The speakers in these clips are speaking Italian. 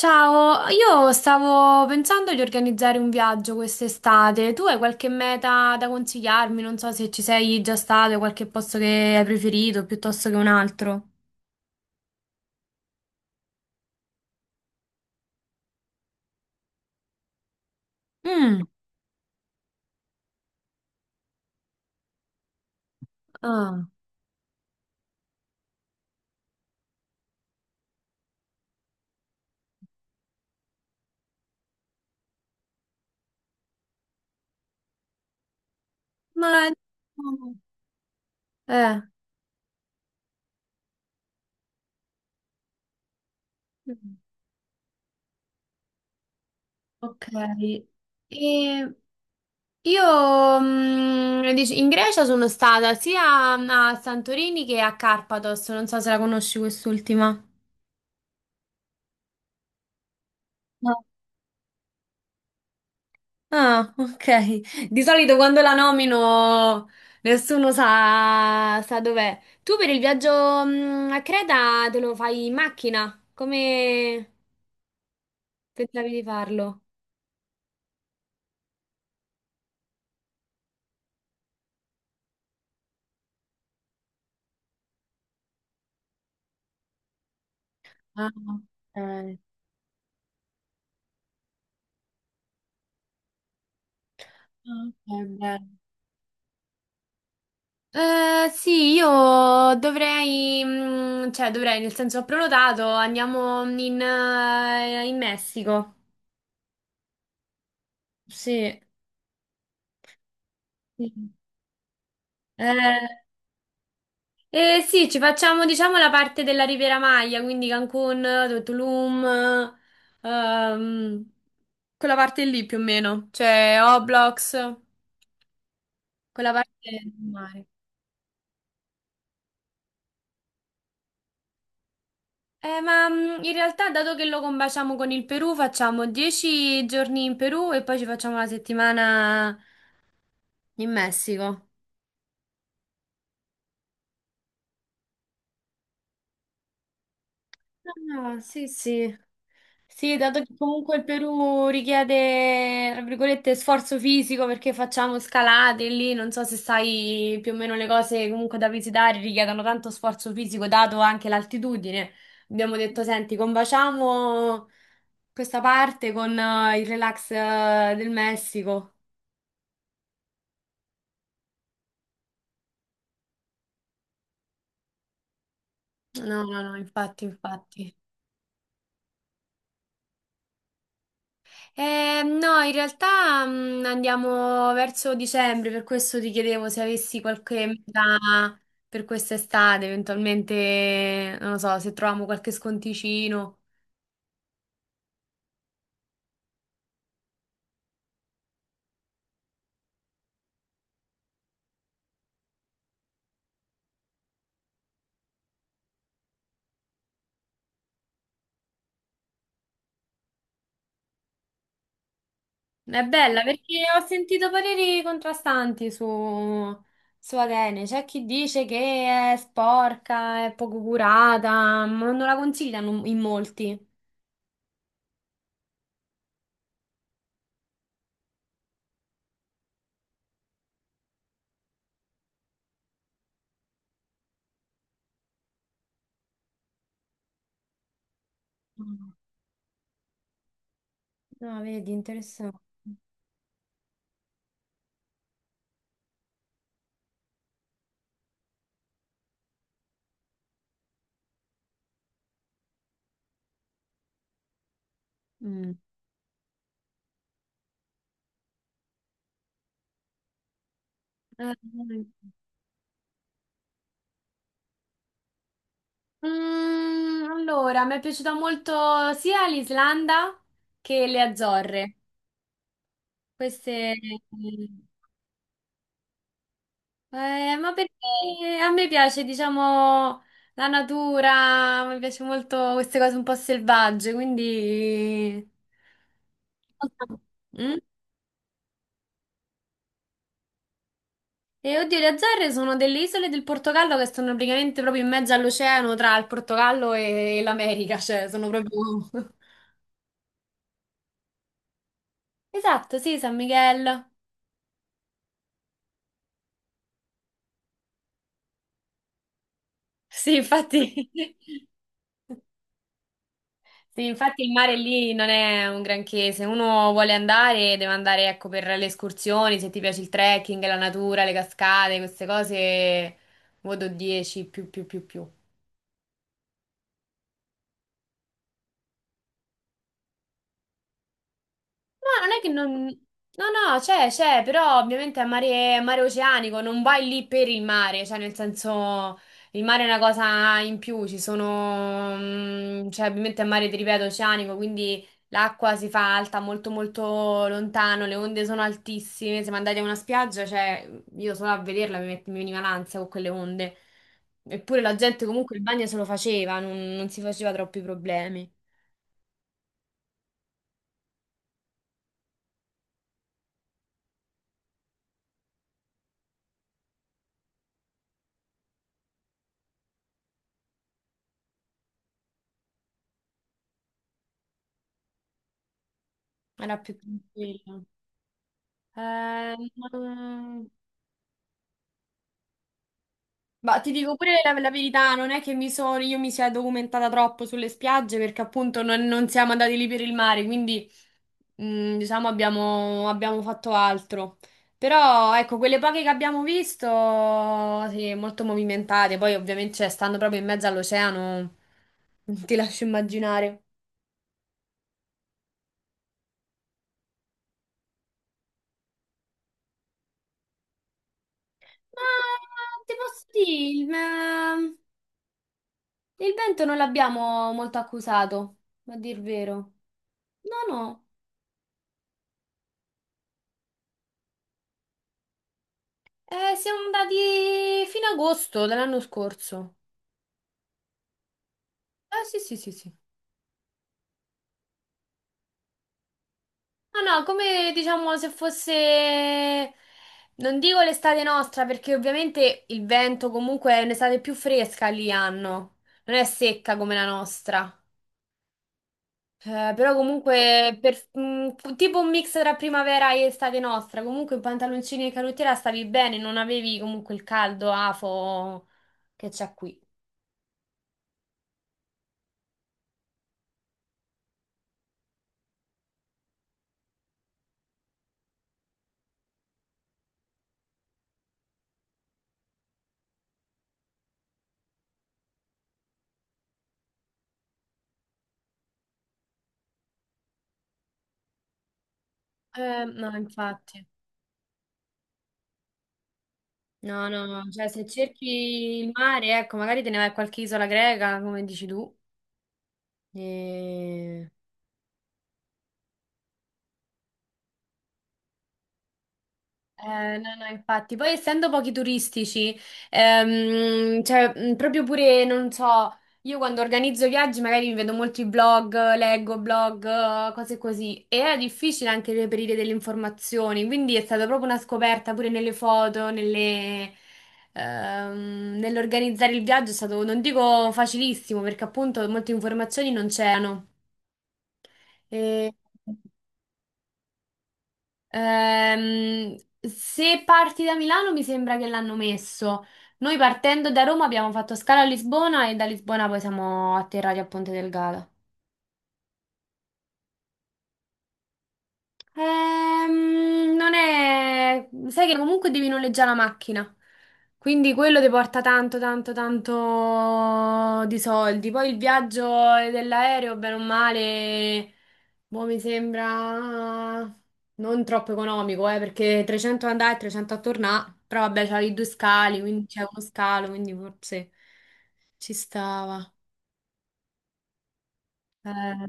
Ciao, io stavo pensando di organizzare un viaggio quest'estate. Tu hai qualche meta da consigliarmi? Non so se ci sei già stato, hai qualche posto che hai preferito piuttosto che un altro. Mm. Ah. Ma... Eh. Mm. Ok. E io in Grecia sono stata sia a Santorini che a Carpathos. Non so se la conosci quest'ultima. Ah, ok. Di solito quando la nomino nessuno sa dov'è. Tu per il viaggio a Creta te lo fai in macchina? Come pensavi di farlo? Ah, ok. Ah, ok, bene. Sì, io dovrei, cioè dovrei, nel senso ho prenotato, andiamo in Messico. Sì. Sì. Eh, Eh sì, ci facciamo diciamo la parte della Riviera Maya, quindi Cancun, Tulum, ehm, quella parte lì più o meno, cioè Oblox, quella parte del mare. Ma in realtà dato che lo combaciamo con il Perù, facciamo 10 giorni in Perù e poi ci facciamo la settimana in Messico. Ah, sì, sì. Sì, dato che comunque il Perù richiede, tra virgolette, sforzo fisico perché facciamo scalate lì, non so se sai più o meno le cose comunque da visitare richiedono tanto sforzo fisico, dato anche l'altitudine. Abbiamo detto, senti, combaciamo questa parte con il relax del Messico. No, no, no, infatti, infatti. No, in realtà andiamo verso dicembre, per questo ti chiedevo se avessi qualche meta per quest'estate, eventualmente, non lo so, se troviamo qualche sconticino. È bella perché ho sentito pareri contrastanti su Atene. C'è chi dice che è sporca, è poco curata, ma non la consigliano in molti. Mm. No, vedi, interessante. Mm. Eh, allora, mi è piaciuta molto sia l'Islanda che le Azzorre. Queste... mm, ma perché a me piace, diciamo, la natura, mi piace molto queste cose un po' selvagge, quindi... Mm? E oddio, le Azzorre sono delle isole del Portogallo che stanno praticamente proprio in mezzo all'oceano tra il Portogallo e l'America, cioè sono proprio... Esatto, sì, San Miguel. Sì, infatti... Sì, infatti il mare lì non è un granché, se uno vuole andare deve andare ecco, per le escursioni, se ti piace il trekking, la natura, le cascate, queste cose, voto 10 più più più più. No, non è che non... No, no, c'è, però ovviamente è mare, mare oceanico, non vai lì per il mare, cioè nel senso il mare è una cosa in più, cioè ovviamente è mare, ti ripeto, oceanico, quindi l'acqua si fa alta molto molto lontano, le onde sono altissime, siamo andati a una spiaggia, cioè io solo a vederla mi veniva l'ansia con quelle onde, eppure la gente comunque il bagno se lo faceva, non si faceva troppi problemi, era più tranquillo. Eh, non- ma ti dico pure la verità, non è che io mi sia documentata troppo sulle spiagge perché appunto non siamo andati lì per il mare, quindi diciamo abbiamo fatto altro. Però ecco, quelle poche che abbiamo visto, sì, molto movimentate, poi ovviamente cioè, stando proprio in mezzo all'oceano, non ti lascio immaginare. Ma ti posso dire, ma il vento non l'abbiamo molto accusato, a dir vero. No, no. Siamo andati fino a agosto dell'anno scorso. Eh sì, sì, sì, sì. No, no, come diciamo se fosse, non dico l'estate nostra, perché ovviamente il vento comunque è un'estate più fresca lì hanno, non è secca come la nostra. Però comunque tipo un mix tra primavera e estate nostra, comunque in pantaloncini e canottiera stavi bene, non avevi comunque il caldo afo che c'è qui. No, infatti. No, no, no, cioè se cerchi il mare, ecco, magari te ne vai a qualche isola greca, come dici tu. E... no, no, infatti, poi essendo pochi turistici, cioè, proprio pure, non so, io quando organizzo viaggi magari mi vedo molti blog, leggo blog, cose così, e era difficile anche reperire delle informazioni, quindi è stata proprio una scoperta pure nelle foto, nelle, nell'organizzare il viaggio è stato, non dico facilissimo, perché appunto molte informazioni non c'erano. E... Ehm, se parti da Milano mi sembra che l'hanno messo. Noi partendo da Roma abbiamo fatto scala a Lisbona e da Lisbona poi siamo atterrati a Ponte del Gala. Non è... Sai che comunque devi noleggiare la macchina, quindi quello ti porta tanto, tanto, tanto di soldi. Poi il viaggio dell'aereo, bene o male, boh, mi sembra non troppo economico, perché 300 andare e 300 a tornare, però vabbè, c'hai due scali, quindi c'è uno scalo, quindi forse ci stava. Eh.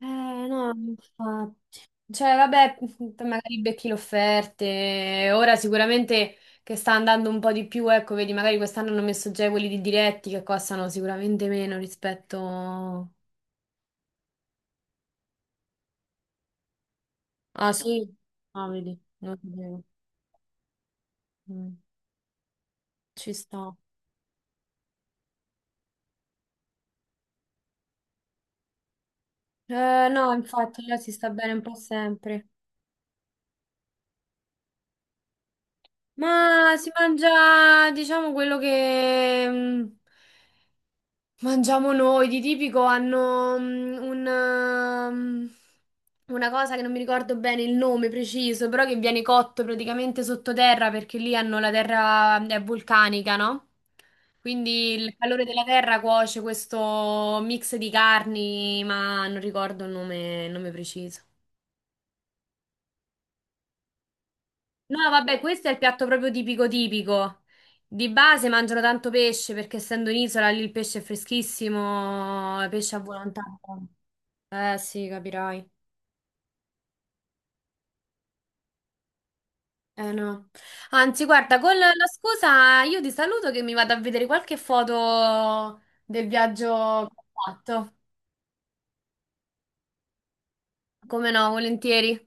No, infatti. Cioè, vabbè, magari becchi le offerte. Ora sicuramente che sta andando un po' di più, ecco, vedi, magari quest'anno hanno messo già quelli di diretti che costano sicuramente meno rispetto... Ah, sì? Ah, vedi, non sapevo. Mm. Ci sto. No, infatti, là si sta bene un po' sempre. Ma si mangia, diciamo, quello che... Mangiamo noi, di tipico hanno una cosa che non mi ricordo bene il nome preciso, però che viene cotto praticamente sottoterra perché lì hanno la terra è vulcanica, no? Quindi il calore della terra cuoce questo mix di carni, ma non ricordo il nome preciso. No, vabbè, questo è il piatto proprio tipico tipico. Di base mangiano tanto pesce perché essendo un'isola lì il pesce è freschissimo, pesce a volontà. Eh sì, capirai. Eh no. Anzi, guarda, con la scusa io ti saluto che mi vado a vedere qualche foto del viaggio che ho fatto. Come no, volentieri.